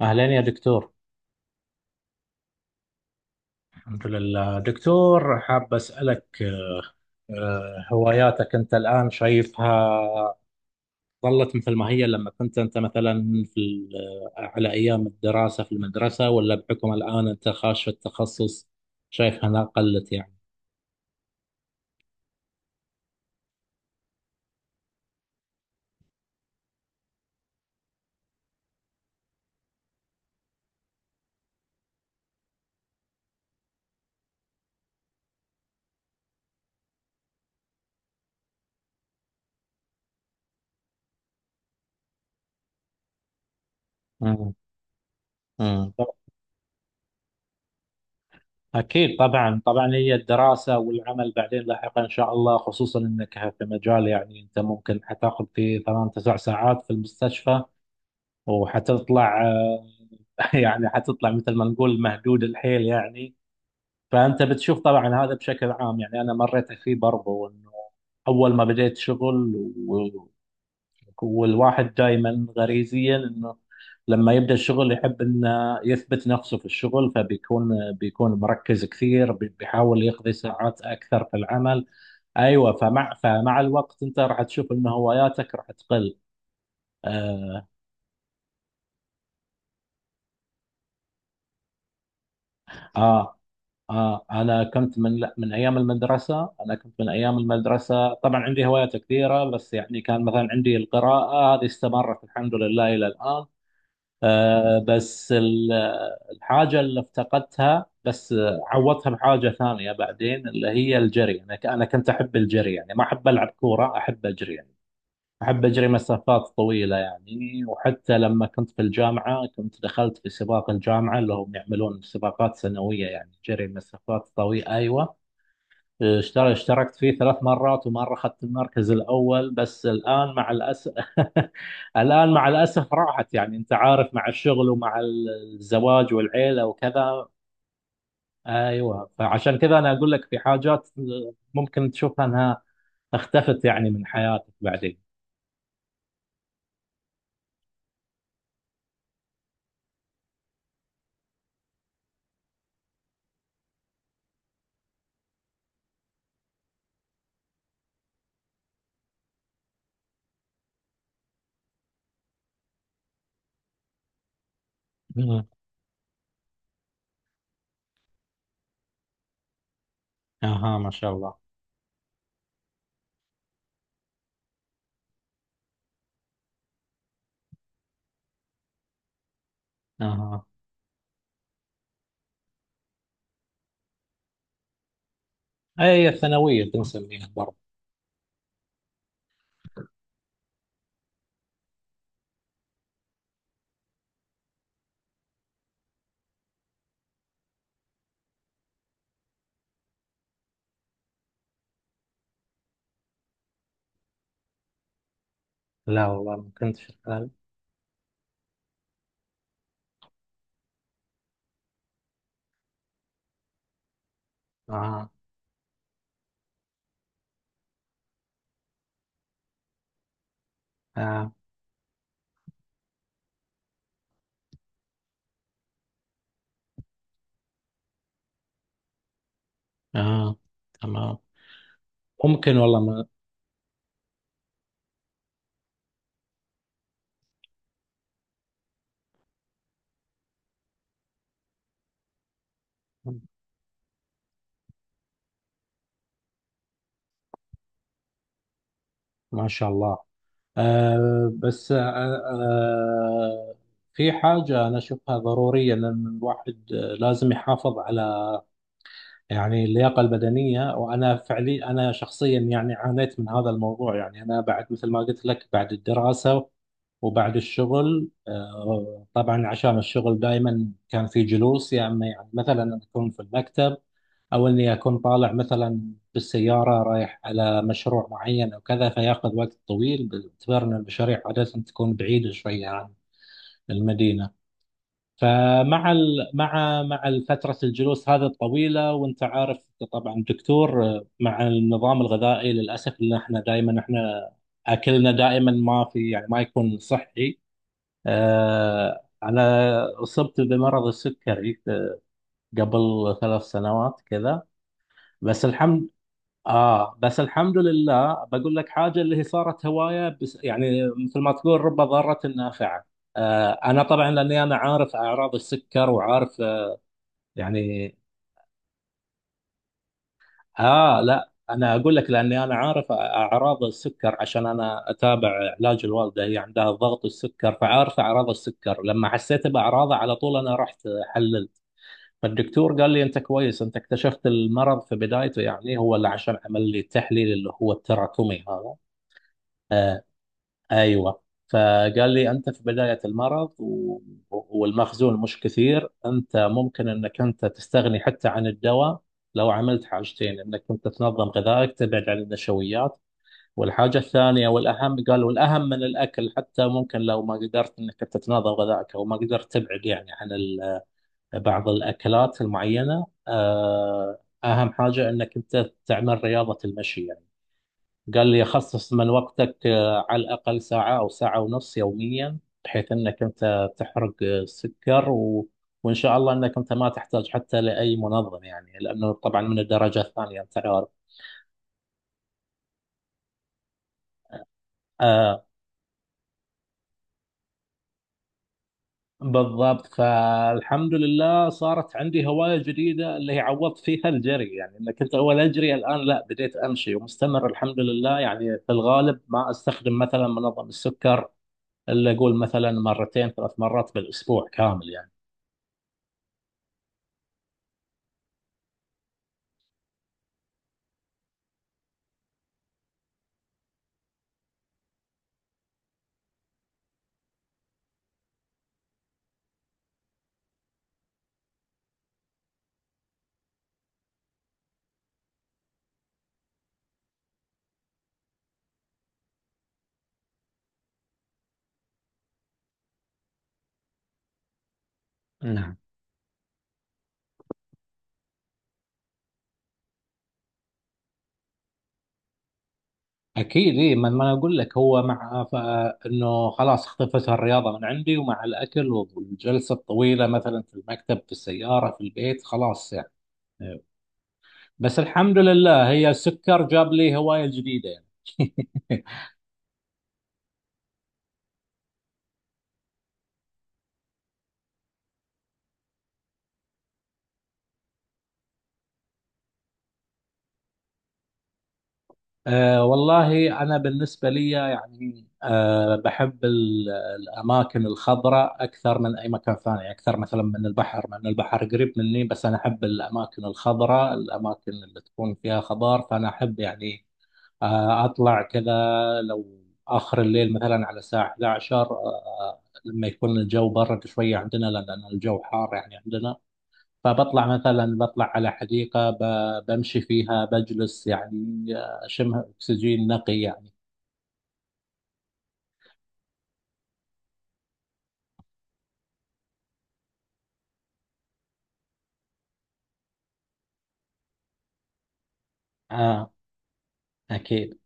أهلين يا دكتور. الحمد لله دكتور، حاب أسألك. هواياتك أنت الآن شايفها ظلت مثل ما هي لما كنت أنت مثلا في على أيام الدراسة في المدرسة، ولا بحكم الآن أنت خاش في التخصص شايفها أنها قلت يعني؟ مم. مم. أكيد طبعا، هي الدراسة والعمل بعدين لاحقا إن شاء الله، خصوصا أنك في مجال يعني أنت ممكن حتاخذ فيه 8 9 ساعات في المستشفى وحتطلع. يعني حتطلع مثل ما نقول مهدود الحيل يعني. فأنت بتشوف طبعا هذا بشكل عام، يعني أنا مريت فيه برضو، إنه أول ما بديت شغل و- والواحد دائما غريزيا إنه لما يبدأ الشغل يحب إنه يثبت نفسه في الشغل، فبيكون مركز كثير، بيحاول يقضي ساعات أكثر في العمل. أيوة، فمع الوقت أنت راح تشوف إن هواياتك راح تقل. آه, آه، آه. أنا كنت من لا من أيام المدرسة، أنا كنت من أيام المدرسة طبعا عندي هوايات كثيرة، بس يعني كان مثلا عندي القراءة، هذه استمرت الحمد لله إلى الآن. آه بس ال- الحاجة اللي افتقدتها بس، عوضتها بحاجة ثانية بعدين اللي هي الجري. أنا كنت أحب الجري، يعني ما أحب ألعب كورة، أحب أجري. أحب أجري مسافات طويلة يعني، وحتى لما كنت في الجامعة كنت دخلت في سباق الجامعة، اللي هم يعملون سباقات سنوية يعني جري مسافات طويلة. أيوة، اشتركت فيه 3 مرات ومرة أخذت المركز الأول، بس الآن مع الأسف. الآن مع الأسف راحت، يعني أنت عارف، مع الشغل ومع الزواج والعيلة وكذا. أيوة، فعشان كذا أنا أقول لك في حاجات ممكن تشوفها أنها اختفت يعني من حياتك بعدين. مم. اها ما شاء الله. اها. اي، ثانوية بنسميها برضه. لا والله ما كنت شغال. اها. اه. اه. آه. تمام. ممكن والله ما، ما شاء الله. آه بس آه آه في حاجة أنا أشوفها ضرورية، لأن الواحد لازم يحافظ على يعني اللياقة البدنية. وأنا فعليا، أنا شخصيا يعني عانيت من هذا الموضوع، يعني أنا بعد مثل ما قلت لك، بعد الدراسة وبعد الشغل، طبعا عشان الشغل دائما كان في جلوس، يا اما يعني مثلا اكون في المكتب او اني اكون طالع مثلا بالسياره رايح على مشروع معين او كذا، فياخذ وقت طويل باعتبار ان المشاريع عاده تكون بعيده شويه عن المدينه. فمع ال... مع مع فتره الجلوس هذه الطويله، وانت عارف طبعا دكتور، مع النظام الغذائي للاسف ان احنا دائما اكلنا دائما ما في يعني ما يكون صحي. أنا أصبت بمرض السكري قبل 3 سنوات كذا. بس الحمد، آه بس الحمد لله بقول لك حاجة اللي هي صارت هواية، بس يعني مثل ما تقول رب ضارة نافعة. آه، أنا طبعا لأني أنا عارف أعراض السكر، وعارف يعني لا، أنا أقول لك لأني أنا عارف أعراض السكر، عشان أنا أتابع علاج الوالدة، هي عندها ضغط السكر، فعارف أعراض السكر. لما حسيت بأعراضه على طول أنا رحت حل. فالدكتور قال لي انت كويس، انت اكتشفت المرض في بدايته، يعني هو اللي عشان عمل لي التحليل اللي هو التراكمي هذا. آه، ايوه. فقال لي انت في بدايه المرض والمخزون مش كثير، انت ممكن انك انت تستغني حتى عن الدواء لو عملت حاجتين: انك انت تنظم غذائك، تبعد عن النشويات. والحاجه الثانيه والاهم، قال والاهم من الاكل حتى، ممكن لو ما قدرت انك انت تنظم غذائك او ما قدرت تبعد يعني عن بعض الأكلات المعينة، أهم حاجة أنك أنت تعمل رياضة المشي يعني. قال لي خصص من وقتك على الأقل ساعة أو ساعة ونص يوميا، بحيث أنك أنت تحرق سكر. وإن شاء الله أنك أنت ما تحتاج حتى لأي منظم يعني، لأنه طبعا من الدرجة الثانية أنت عارف. آه، بالضبط. فالحمد لله صارت عندي هواية جديدة اللي هي عوضت فيها الجري، يعني أنا كنت أول أجري، الآن لا بديت أمشي ومستمر الحمد لله. يعني في الغالب ما أستخدم مثلا منظم السكر إلا أقول مثلا مرتين 3 مرات بالأسبوع كامل يعني. نعم، أكيد إيه. ما ما أنا أقول لك هو مع إنه خلاص اختفت الرياضة من عندي، ومع الأكل والجلسة الطويلة مثلا في المكتب، في السيارة، في البيت، خلاص يعني. بس الحمد لله هي السكر جاب لي هواية جديدة يعني. آه والله، أنا بالنسبة لي يعني، آه، بحب الأماكن الخضراء أكثر من أي مكان ثاني، أكثر مثلا من البحر، مع أن البحر قريب مني، بس أنا أحب الأماكن الخضراء، الأماكن اللي تكون فيها خضار. فأنا أحب يعني آه أطلع كذا لو آخر الليل مثلا على الساعة 11، لما يكون الجو برد شوية عندنا، لأن الجو حار يعني عندنا. فبطلع مثلا، بطلع على حديقة، بمشي فيها، بجلس يعني، أشم أكسجين نقي يعني. آه، أكيد.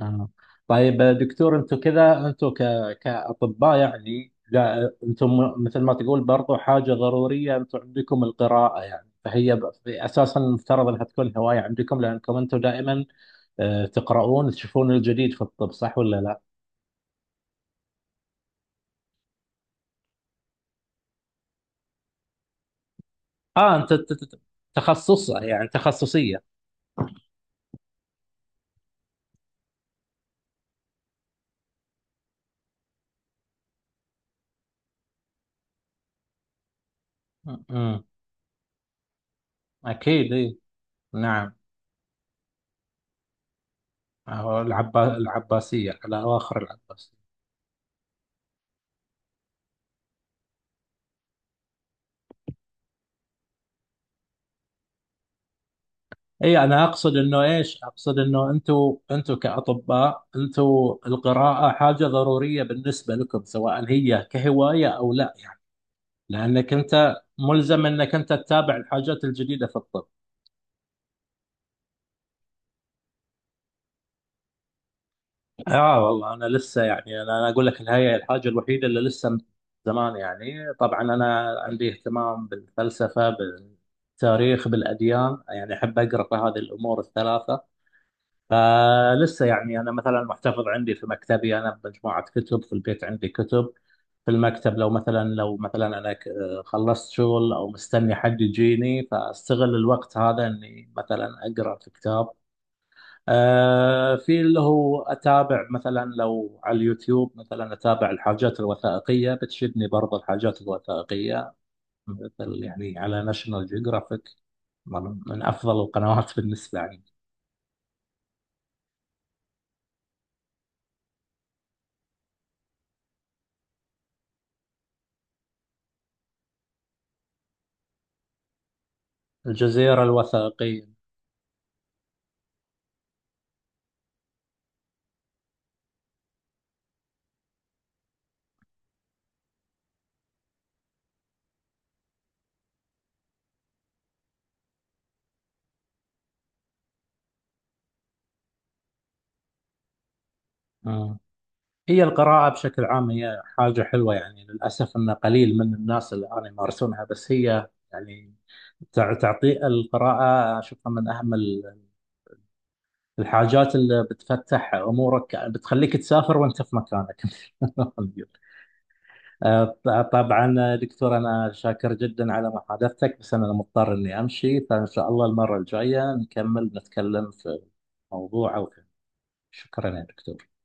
آه. طيب دكتور، أنتم كذا أنتم ك... كأطباء يعني، لا أنتم مثل ما تقول برضو حاجة ضرورية، أنتم عندكم القراءة يعني، فهي أساسا المفترض أنها تكون هواية عندكم، لأنكم أنتم دائما تقرؤون، تشوفون الجديد في الطب، صح ولا لا؟ آه، تخصص يعني، تخصصية. م. أكيد إيه. نعم. العباسية، على أواخر العباسية. أي أنا أقصد إنه، أنتوا، كأطباء أنتوا، القراءة حاجة ضرورية بالنسبة لكم، سواء هي كهواية أو لا يعني، لأنك أنت ملزم إنك أنت تتابع الحاجات الجديدة في الطب. آه والله، أنا لسه يعني، أنا أقول لك إن هي الحاجة الوحيدة اللي لسه من زمان، يعني طبعا أنا عندي اهتمام بالفلسفة، بالتاريخ، بالأديان، يعني أحب أقرأ في هذه الأمور الثلاثة. فلسه يعني انا مثلا محتفظ عندي في مكتبي، انا بمجموعه كتب في البيت، عندي كتب في المكتب، لو مثلا، خلصت شغل او مستني حد يجيني، فاستغل الوقت هذا اني مثلا اقرا في كتاب. في اللي هو اتابع مثلا لو على اليوتيوب، مثلا اتابع الحاجات الوثائقيه، بتشدني برضه الحاجات الوثائقيه، مثل يعني على ناشونال جيوغرافيك، من افضل القنوات بالنسبه لي. الجزيره الوثائقيه. هي القراءة بشكل عام هي حاجة حلوة يعني، للأسف أن قليل من الناس الآن يمارسونها، بس هي يعني تعطي، القراءة أشوفها من أهم الحاجات اللي بتفتح أمورك، بتخليك تسافر وأنت في مكانك. آه، طبعا دكتور، أنا شاكر جدا على محادثتك، بس أنا مضطر إني أمشي، فإن شاء الله المرة الجاية نكمل نتكلم في موضوع أو في. شكرا يا دكتور.